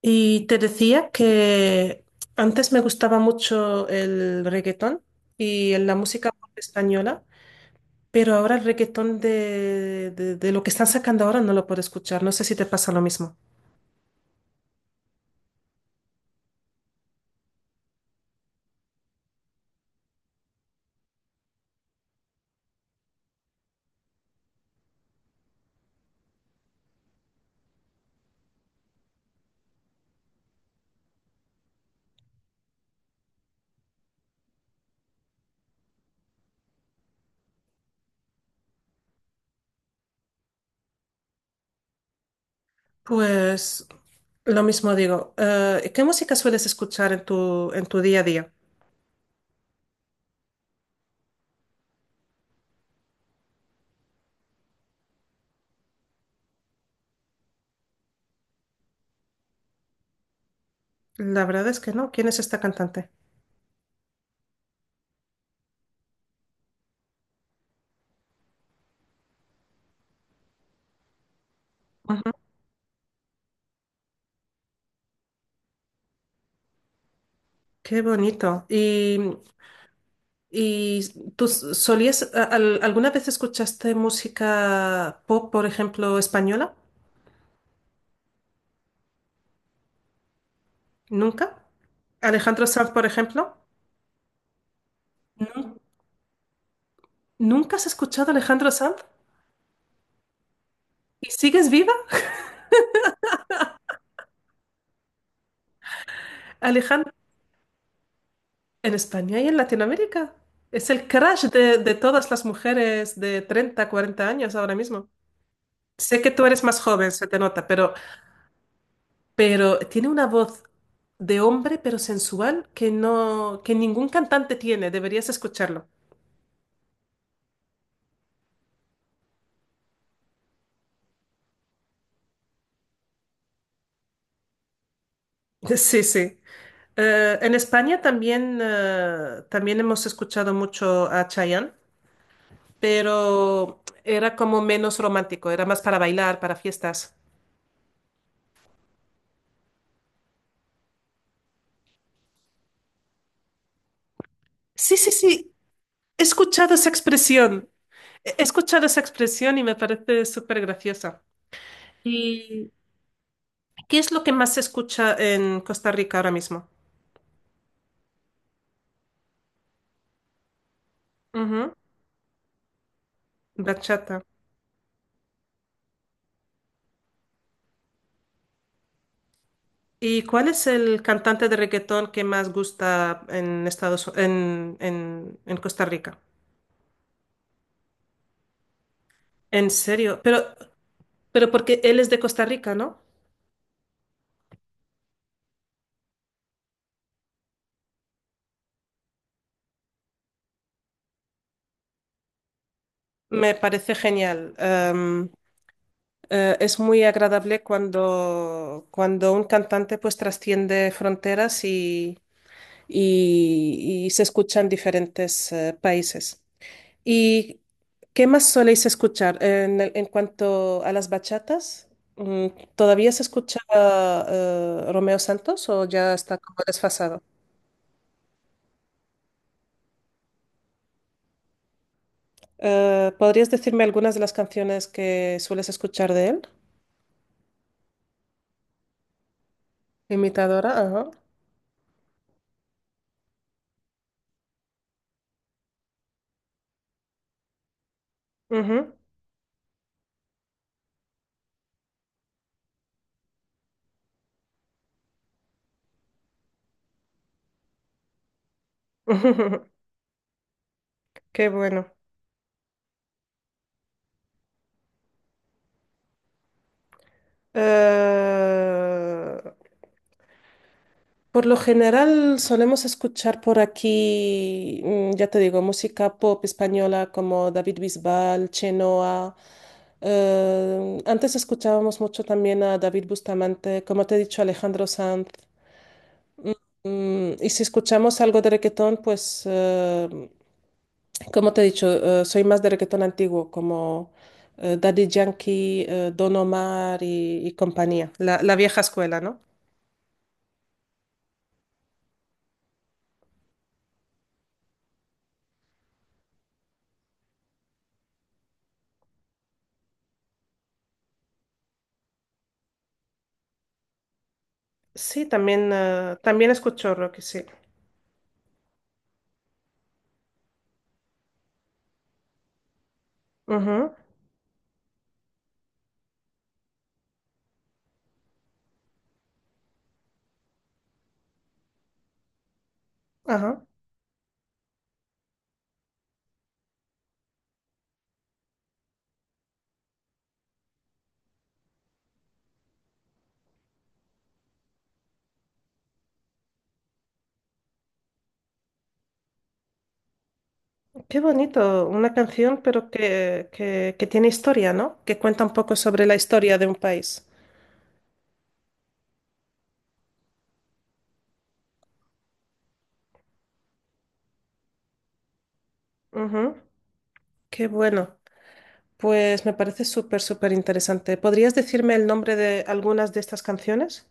Y te decía que antes me gustaba mucho el reggaetón y la música pop española, pero ahora el reggaetón de lo que están sacando ahora no lo puedo escuchar. No sé si te pasa lo mismo. Pues lo mismo digo. ¿Qué música sueles escuchar en tu día a día? La verdad es que no. ¿Quién es esta cantante? Ujú. Qué bonito. ¿Y tú alguna vez escuchaste música pop, por ejemplo, española? ¿Nunca? ¿Alejandro Sanz, por ejemplo? ¿Nun- ¿Nunca has escuchado a Alejandro Sanz? ¿Y sigues viva? Alejandro, en España y en Latinoamérica. Es el crush de todas las mujeres de 30, 40 años ahora mismo. Sé que tú eres más joven, se te nota, pero tiene una voz de hombre, pero sensual, que no, que ningún cantante tiene. Deberías escucharlo. Sí, sí. En España también, también hemos escuchado mucho a Chayanne. Pero era como menos romántico, era más para bailar, para fiestas. Sí, sí, sí, he escuchado esa expresión, he escuchado esa expresión y me parece súper graciosa. ¿Y qué es lo que más se escucha en Costa Rica ahora mismo? Ujú. Bachata. ¿Y cuál es el cantante de reggaetón que más gusta en en Costa Rica? En serio, pero porque él es de Costa Rica, ¿no? Me parece genial. Es muy agradable cuando, cuando un cantante pues trasciende fronteras y, y se escucha en diferentes países. ¿Y qué más soléis escuchar? En cuanto a las bachatas, mm, ¿todavía se escucha Romeo Santos o ya está como desfasado? ¿Podrías decirme algunas de las canciones que sueles escuchar de él? Imitadora, ajá. Ujú. Qué bueno. Eh, por lo general solemos escuchar por aquí, ya te digo, música pop española como David Bisbal, Chenoa. Antes escuchábamos mucho también a David Bustamante, como te he dicho, Alejandro Sanz. Y si escuchamos algo de reggaetón, pues, como te he dicho, soy más de reggaetón antiguo, como Daddy Yankee, Don Omar y compañía, la vieja escuela, ¿no? Sí, también, ah, también escucho rock, sí. Ujú. Ajá. Qué bonito, una canción, pero que tiene historia, ¿no? Que cuenta un poco sobre la historia de un país. Ujú. Qué bueno. Pues me parece súper, súper interesante. ¿Podrías decirme el nombre de algunas de estas canciones?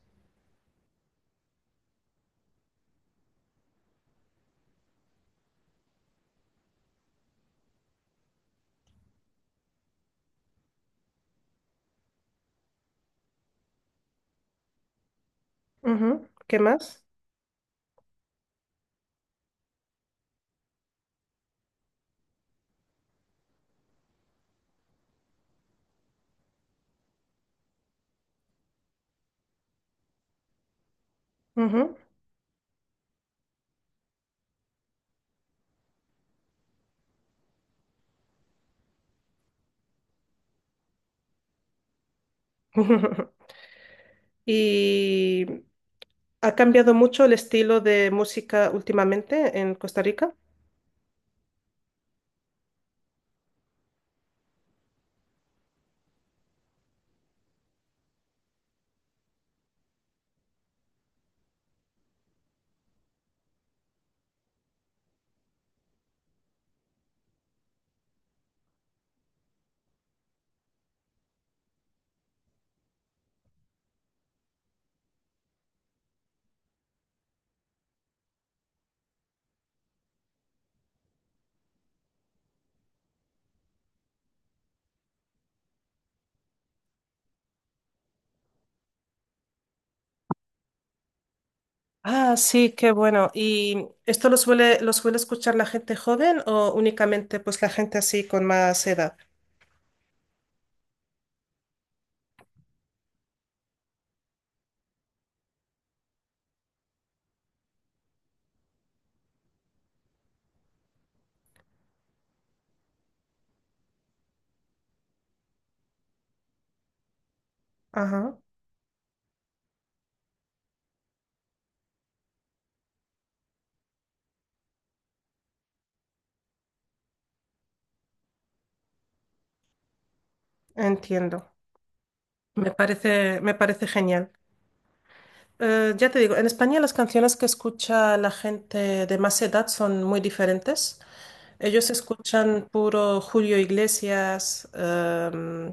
Ujú. ¿Qué más? Ujú. Y ¿ha cambiado mucho el estilo de música últimamente en Costa Rica? Ah, sí, qué bueno. ¿Y esto lo suele escuchar la gente joven o únicamente pues la gente así con más edad? Ajá, entiendo. Me parece genial. Ya te digo, en España las canciones que escucha la gente de más edad son muy diferentes. Ellos escuchan puro Julio Iglesias,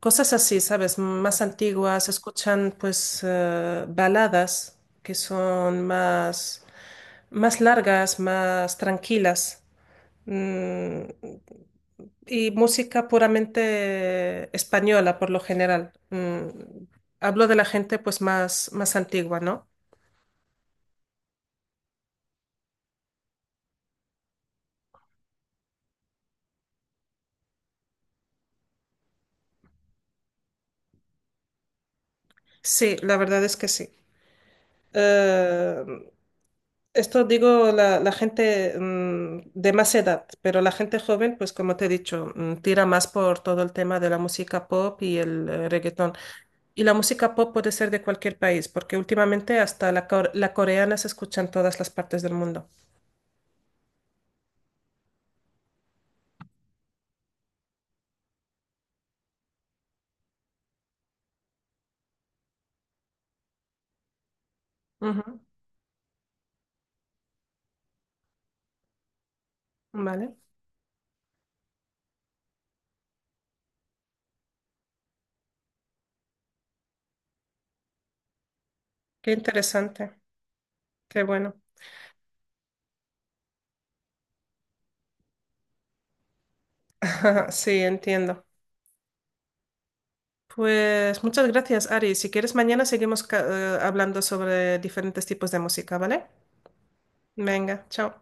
cosas así, ¿sabes? Más antiguas, escuchan pues baladas que son más, más largas, más tranquilas. Mm, y música puramente española por lo general. Hablo de la gente pues más, más antigua, ¿no? Sí, la verdad es que sí. Eh, Esto digo la gente de más edad, pero la gente joven, pues como te he dicho, tira más por todo el tema de la música pop y el reggaetón. Y la música pop puede ser de cualquier país, porque últimamente hasta la coreana se escucha en todas las partes del mundo. Ujú. Vale, qué interesante, qué bueno. Sí, entiendo. Pues muchas gracias, Ari. Si quieres, mañana seguimos hablando sobre diferentes tipos de música, ¿vale? Venga, chao.